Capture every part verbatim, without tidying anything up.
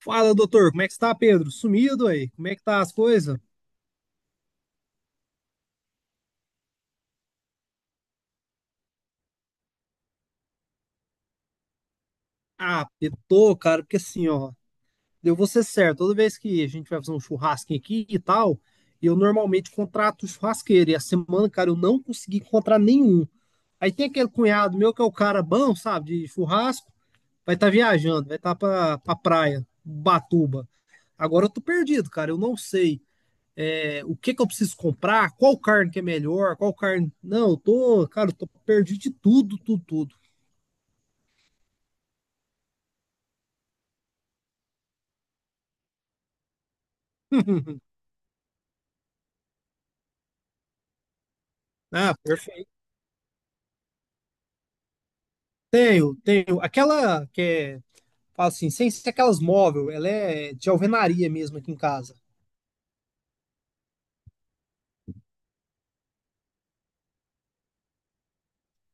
Fala, doutor, como é que está, Pedro? Sumido aí? Como é que tá as coisas? Ah, eu tô, cara, porque assim, ó, eu vou ser certo, toda vez que a gente vai fazer um churrasquinho aqui e tal, eu normalmente contrato churrasqueiro, e a semana, cara, eu não consegui encontrar nenhum. Aí tem aquele cunhado meu que é o cara bom, sabe, de churrasco, vai estar viajando, vai estar pra, pra praia, Batuba. Agora eu tô perdido, cara, eu não sei é, o que que eu preciso comprar, qual carne que é melhor, qual carne. Não, eu tô, cara, eu tô perdido de tudo, tudo, tudo. Ah, perfeito. Tenho, tenho. Aquela que é, fala assim, sem ser aquelas móvel, ela é de alvenaria mesmo aqui em casa.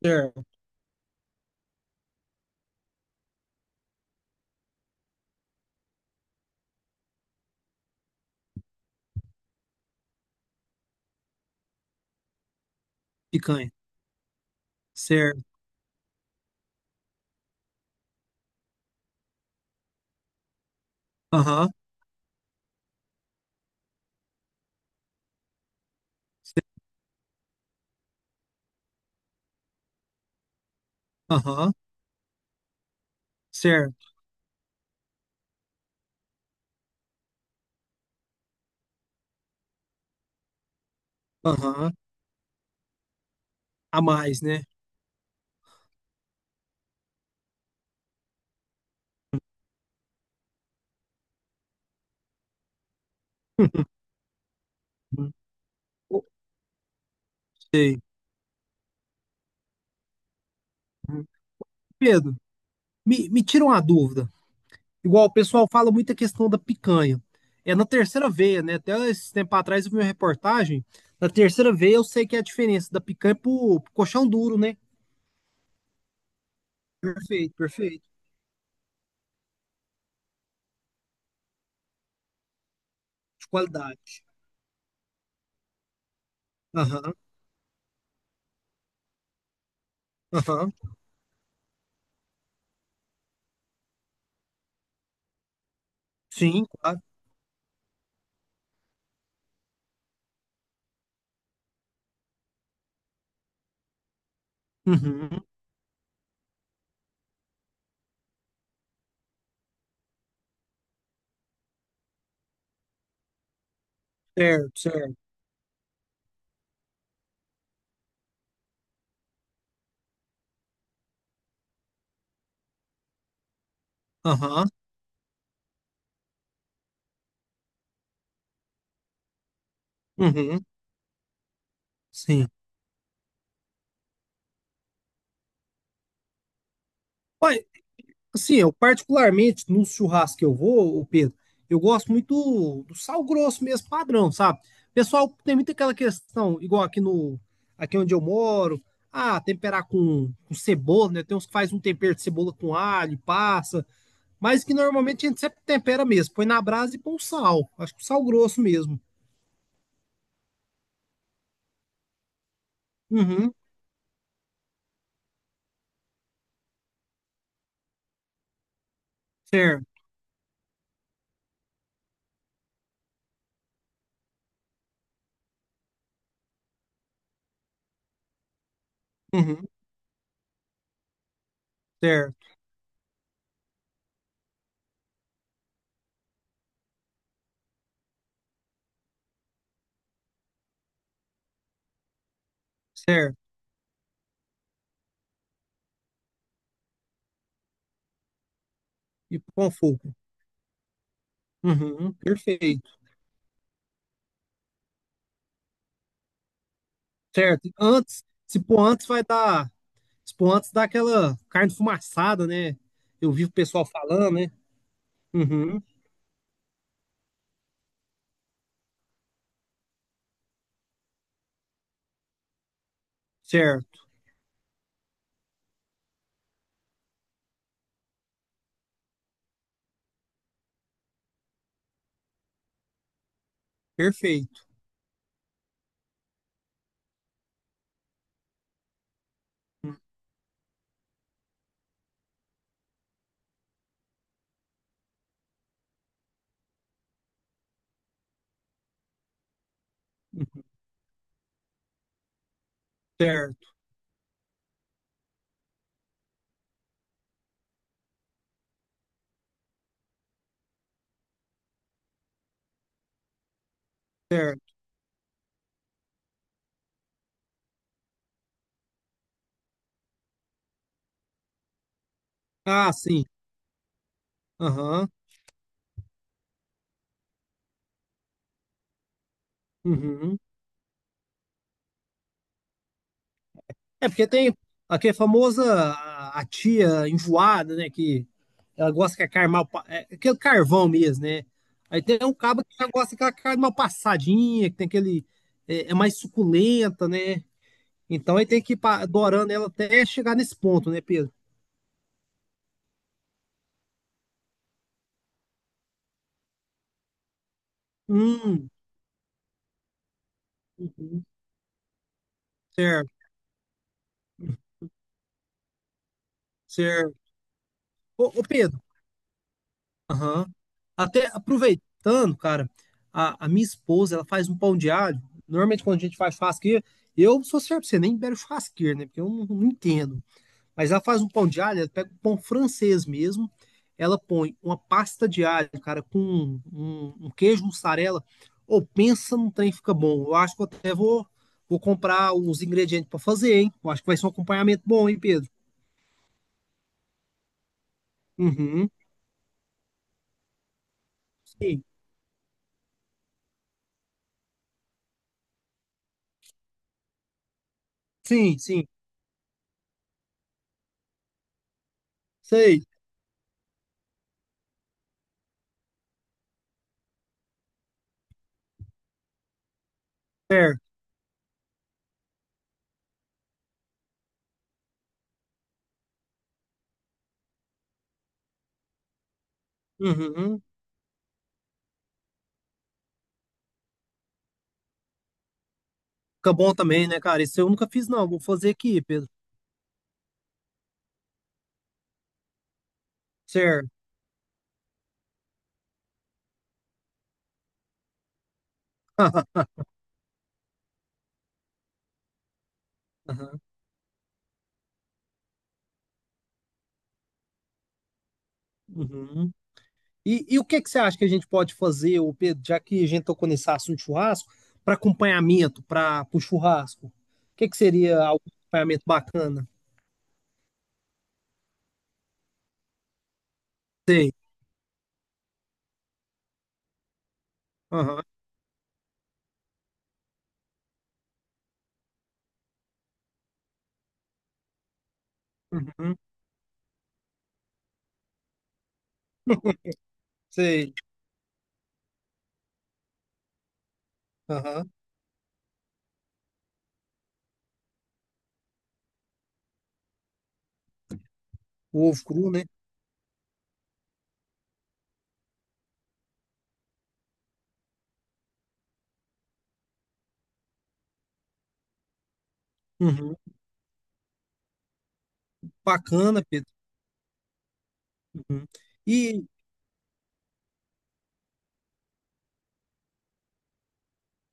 Certo. Picanha. Certo. Aham, aham, certo. Aham. A mais, né? Uhum. Sei. Uhum. Pedro, me, me tira uma dúvida. Igual o pessoal fala muito a questão da picanha. É na terceira veia, né? Até esse tempo atrás eu vi uma reportagem. Na terceira veia eu sei que é a diferença da picanha pro, pro colchão duro, né? Perfeito, perfeito. De qualidade. Aham, aham, sim, claro. Uhum, certo, certo. Aham, uhum, sim. Olha, assim, eu particularmente no churrasco que eu vou, ô Pedro, eu gosto muito do, do sal grosso mesmo, padrão, sabe? Pessoal, tem muito aquela questão, igual aqui no, aqui onde eu moro, ah, temperar com, com cebola, né? Tem uns que faz um tempero de cebola com alho, e passa, mas que normalmente a gente sempre tempera mesmo, põe na brasa e põe o sal. Acho que o sal grosso mesmo. Uhum, certo, uhum, certo, certo. E com fogo. Uhum, perfeito. Certo. Antes, se pôr antes, vai dar. Se pôr antes, dá aquela carne fumaçada, né? Eu vi o pessoal falando, né? Uhum, certo. Perfeito. Uhum, certo, certo. Ah, sim. Aham. Uhum. É porque tem aquela famosa a, a tia enjoada, né? Que ela gosta que a carne mal. pa- É, aquele carvão mesmo, né? Aí tem um cabo que já gosta daquela carne mal passadinha, que tem aquele. É, é mais suculenta, né? Então ele tem que ir pa- dorando ela até chegar nesse ponto, né, Pedro? Hum, uhum, certo, certo. Ô, ô, Pedro, aham. Até aproveitando, cara, a, a minha esposa, ela faz um pão de alho. Normalmente quando a gente faz churrasqueira, eu sou certo, você nem bebe churrasqueira, né? Porque eu não, não entendo. Mas ela faz um pão de alho, ela pega um pão francês mesmo, ela põe uma pasta de alho, cara, com um, um- um queijo mussarela. Ou pensa num trem que fica bom. Eu acho que eu até vou, vou comprar os ingredientes para fazer, hein? Eu acho que vai ser um acompanhamento bom, hein, Pedro? Uhum. Sim, sim, sim. Sei, certo. Uhum. Fica bom também, né, cara? Isso eu nunca fiz, não. Vou fazer aqui, Pedro. Certo. Aham. Uhum. E, e o que que você acha que a gente pode fazer, ô Pedro, já que a gente tocou nesse assunto de churrasco, para acompanhamento, para o churrasco? O que que seria algum acompanhamento bacana? Sei. Aham. Uhum. Sei. Aham. O ovo cru, né? Uhum. Bacana, Pedro. Uhum. E,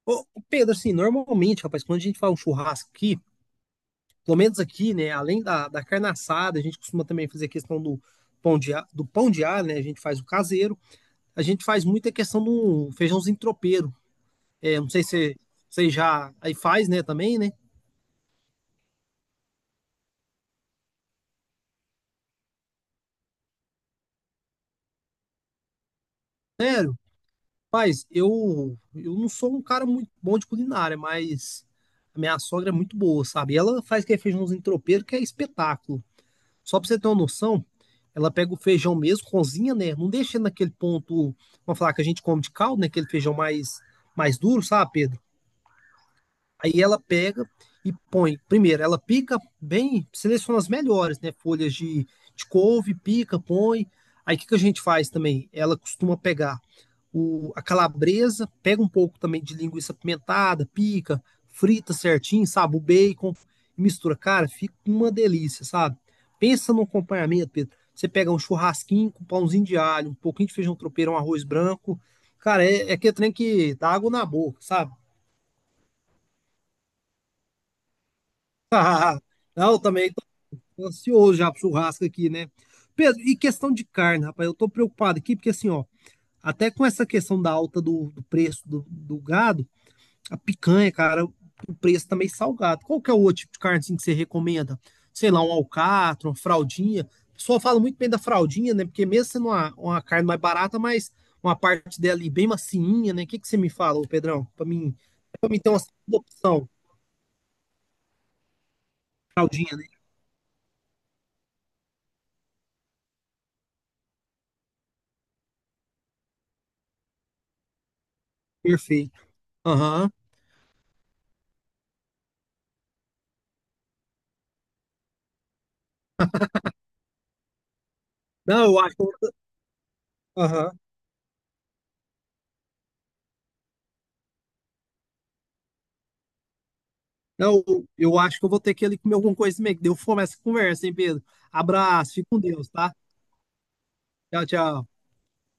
ô, ô, Pedro, assim, normalmente, rapaz, quando a gente faz um churrasco aqui, pelo menos aqui, né, além da, da carne assada, a gente costuma também fazer a questão do pão de, a- do pão de alho, né? A gente faz o caseiro, a gente faz muita questão do feijãozinho tropeiro. É, não sei se você já aí faz, né, também, né? Sério? Mas eu, eu não sou um cara muito bom de culinária, mas a minha sogra é muito boa, sabe? Ela faz aquele feijãozinho tropeiro que é espetáculo. Só pra você ter uma noção, ela pega o feijão mesmo, cozinha, né? Não deixa naquele ponto, vamos falar que a gente come de caldo, né? Aquele feijão mais, mais duro, sabe, Pedro? Aí ela pega e põe. Primeiro, ela pica bem, seleciona as melhores, né? Folhas de, de couve, pica, põe. Aí o que, que a gente faz também? Ela costuma pegar o, a calabresa, pega um pouco também de linguiça pimentada, pica, frita certinho, sabe? O bacon, mistura. Cara, fica uma delícia, sabe? Pensa no acompanhamento, Pedro. Você pega um churrasquinho com pãozinho de alho, um pouquinho de feijão tropeiro, um arroz branco. Cara, é, é aquele trem que dá água na boca, sabe? Não, também tô ansioso já pro churrasco aqui, né? Pedro, e questão de carne, rapaz, eu tô preocupado aqui, porque assim, ó, até com essa questão da alta do, do preço do, do gado, a picanha, cara, o preço tá meio salgado. Qual que é o outro tipo de carne assim, que você recomenda? Sei lá, um alcatra, uma fraldinha. O pessoal fala muito bem da fraldinha, né? Porque mesmo sendo uma, uma carne mais barata, mas uma parte dela ali bem macinha, né? O que que você me fala, ô Pedrão? Pra mim, pra mim ter uma segunda opção, fraldinha, né? Perfeito. Aham. Não, eu acho. Aham. Não, eu acho que eu vou ter que ir ali comer alguma coisa mesmo, que deu fome essa conversa, hein, Pedro? Abraço, fique com Deus, tá? Tchau, tchau.